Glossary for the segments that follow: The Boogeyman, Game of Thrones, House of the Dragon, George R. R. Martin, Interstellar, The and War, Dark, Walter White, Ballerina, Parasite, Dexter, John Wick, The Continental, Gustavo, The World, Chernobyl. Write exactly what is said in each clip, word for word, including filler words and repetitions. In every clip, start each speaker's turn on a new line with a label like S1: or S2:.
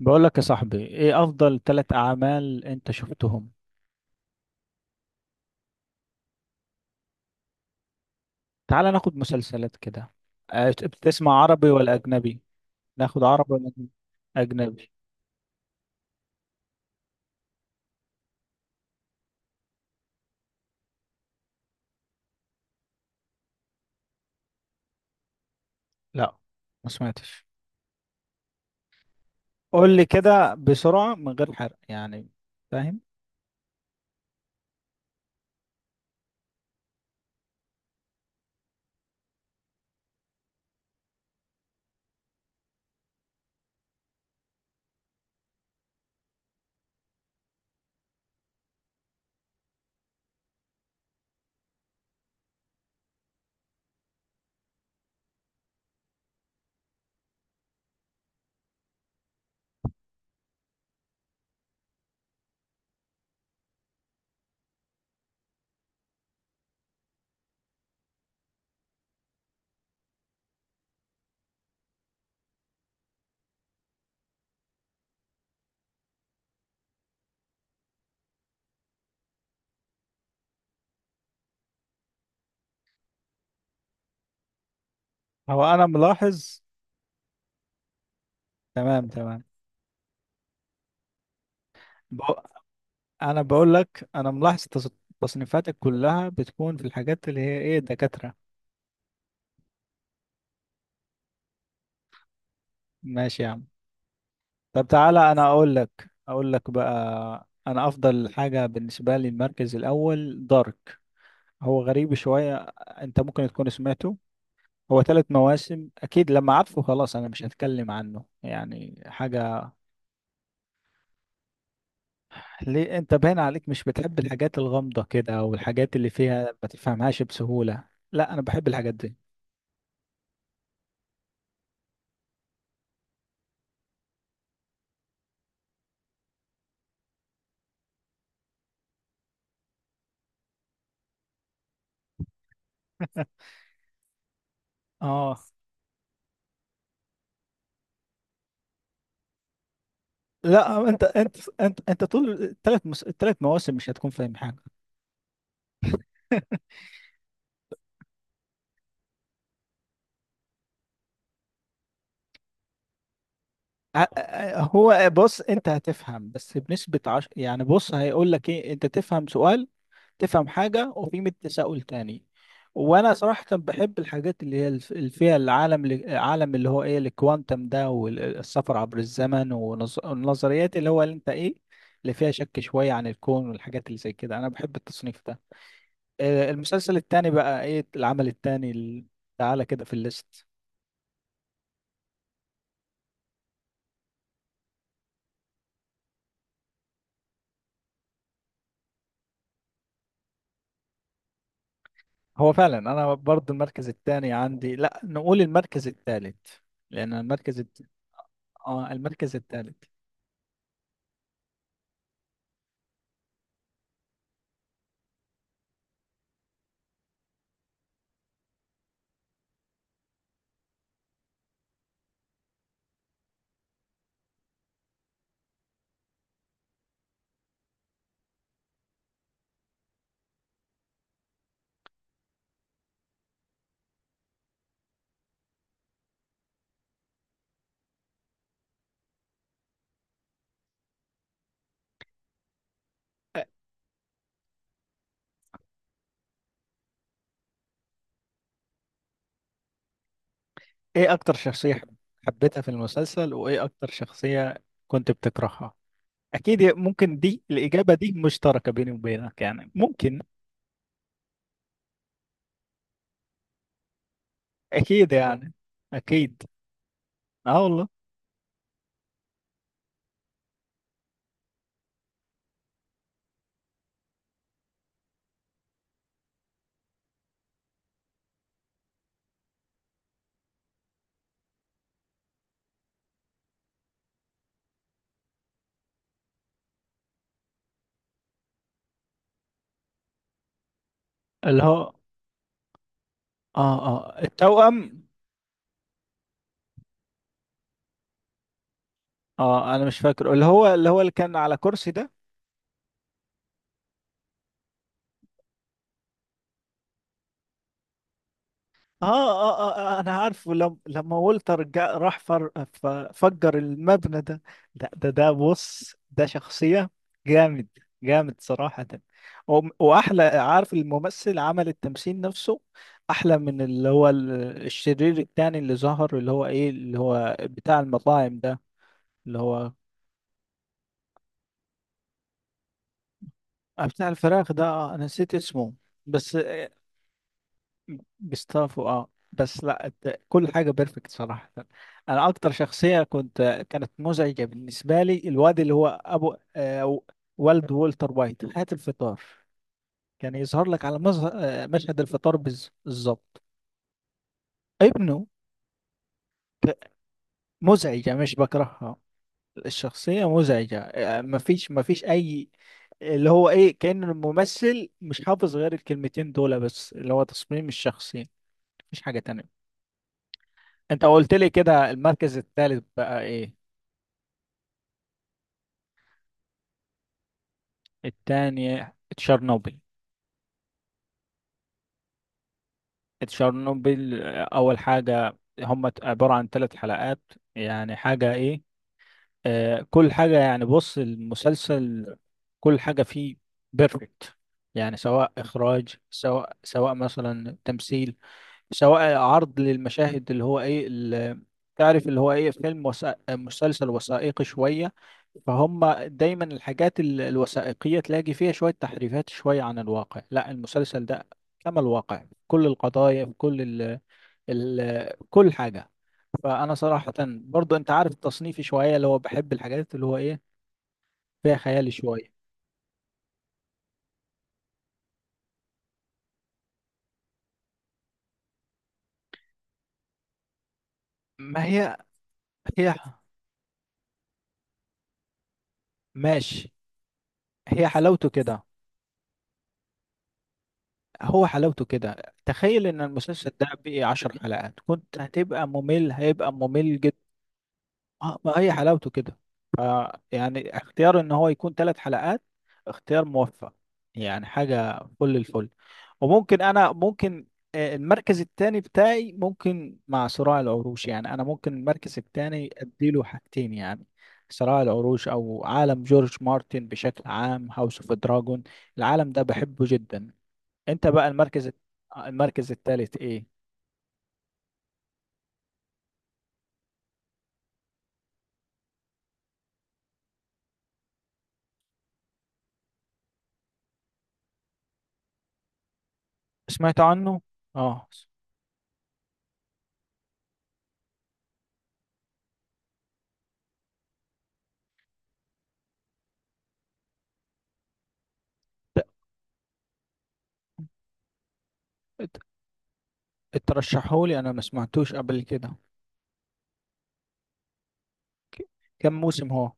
S1: بقول لك يا صاحبي، ايه افضل ثلاث اعمال انت شفتهم؟ تعال ناخد مسلسلات كده. آه، بتسمع عربي ولا اجنبي؟ ناخد عربي ولا اجنبي؟ أجنبي. لا، ما سمعتش. قول لي كده بسرعة من غير حرق، يعني فاهم؟ هو انا ملاحظ. تمام تمام. بق... انا بقول لك، انا ملاحظ تص- تصنيفاتك كلها بتكون في الحاجات اللي هي ايه، دكاترة. ماشي يا عم. طب تعالى انا اقول لك، اقول لك بقى انا افضل حاجه بالنسبه لي المركز الاول، دارك. هو غريب شويه. انت ممكن تكون سمعته. هو ثلاث مواسم اكيد، لما عارفه خلاص انا مش هتكلم عنه يعني حاجه. ليه، انت باين عليك مش بتحب الحاجات الغامضه كده، او الحاجات اللي فيها ما تفهمهاش بسهوله؟ لا، انا بحب الحاجات دي. اه. لا، انت انت انت انت طول الثلاث الثلاث مواسم مش هتكون فاهم حاجه. ه- هو بص، انت هتفهم بس بنسبة عش... يعني بص هيقول لك ايه، انت تفهم سؤال، تفهم حاجة وفي مية تساؤل تاني. وانا صراحة بحب الحاجات اللي هي الف- اللي فيها العالم العالم اللي هو ايه، الكوانتم ده، والسفر عبر الزمن ونظ- والنظريات اللي هو اللي انت ايه، اللي فيها شك شوية عن الكون والحاجات اللي زي كده. انا بحب التصنيف ده. آه، المسلسل التاني بقى ايه، العمل التاني ال- تعالى كده في الليست. هو فعلا انا برضو المركز الثاني عندي، لا نقول المركز الثالث. لان المركز الت... اه، المركز الثالث. ايه اكتر شخصية حب- حبيتها في المسلسل، وايه اكتر شخصية كنت بتكرهها؟ اكيد ممكن دي، الاجابة دي مشتركة بيني وبينك، يعني ممكن. اكيد يعني. اكيد. اه والله. اللي هو اه اه التوأم. اه، انا مش فاكره، اللي هو اللي هو اللي كان على كرسي ده. آه, آه, آه, آه أنا عارفه، لم لما والتر جا راح فر ف- فجر المبنى ده. لا، ده ده بص، ده شخصية. جامد. جامد صراحة. وم- وأحلى، عارف، الممثل عمل التمثيل نفسه أحلى من اللي هو ال- الشرير التاني اللي ظهر، اللي هو إيه، اللي هو بتاع المطاعم ده، اللي هو بتاع الفراخ ده، آه، أنا نسيت اسمه. بس جستافو، اه بس لا الت- كل حاجة بيرفكت صراحة. انا اكتر شخصية كنت كانت مزعجة بالنسبة لي، الواد اللي هو ابو آه والد والتر وايت، هات الفطار. كان يظهر لك على مظه- آه، مشهد الفطار بالز- بالظبط. ابنه. ك- مزعجة، مش بكرهها. الشخصية مزعجة، آه، مفيش مفيش اي، اللي هو ايه، كأن الممثل مش حافظ غير الكلمتين دول بس، اللي هو تصميم الشخصية. مفيش حاجة تانية. انت قلت لي كده، المركز الثالث بقى ايه؟ الثاني تشيرنوبل. تشيرنوبل، آه، اول حاجة هم عبارة عن ثلاث حلقات. يعني حاجة ايه، آه كل حاجة يعني، بص، المسلسل كل حاجة فيه بيرفكت. يعني سواء اخراج، سواء سواء مثلا تمثيل، سواء عرض للمشاهد اللي هو ايه ال- تعرف اللي هو ايه، فيلم وثائق، مسلسل وثائقي شوية، فهم. دايما الحاجات ال- الوثائقية تلاقي فيها شوية تحريفات شوية عن الواقع، لا، المسلسل ده كما الواقع في كل القضايا، في كل ال ال كل حاجة. فأنا صراحة برضو أنت عارف تصنيفي شوية، اللي هو بحب الحاجات اللي هو إيه، فيها خيال شوية. ما هي هي ماشي، هي حلاوته كده. هو حلاوته كده، تخيل ان المسلسل ده بقي عشر حلقات كنت هتبقى ممل، هيبقى ممل جدا. آه، ما هي حلاوته كده. ف يعني اختيار ان هو يكون ثلاث حلقات، اختيار موفق. يعني حاجة فل الفل. وممكن انا ممكن، آه، المركز الثاني بتاعي ممكن مع صراع العروش. يعني انا ممكن المركز الثاني اديله حاجتين، يعني صراع العروش او عالم جورج مارتن بشكل عام، هاوس اوف دراجون. العالم ده بحبه جدا. انت بقى المركز الت- المركز الثالث ايه؟ سمعت عنه. اه. ترشحولي، انا ما سمعتوش قبل كده. ك- كم موسم هو؟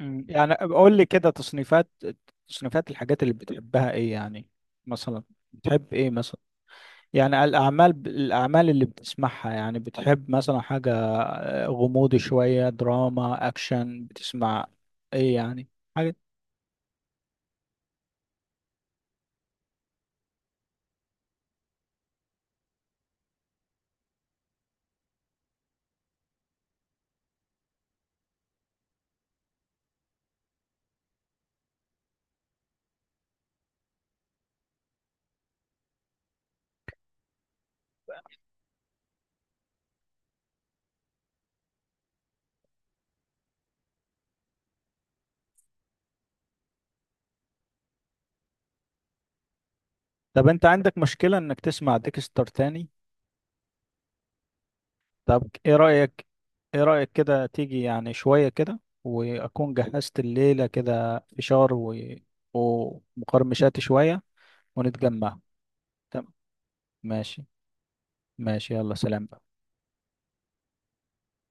S1: مم. يعني قول لي كده تصنيفات، تصنيفات الحاجات اللي بتحبها ايه يعني، مثلا بتحب ايه مثلا، يعني الاعمال، الاعمال اللي بتسمعها. يعني بتحب مثلا حاجة آه، غموض شوية، دراما، اكشن، بتسمع ايه يعني، حاجة؟ طب انت عندك مشكلة انك تسمع ديكستر تاني؟ طب ايه رأيك، ايه رأيك كده تيجي يعني شوية كده، واكون جهزت الليلة كده فشار و... ومقرمشات شوية، ونتجمع. تمام. ماشي. ماشي، يلا سلام بقى.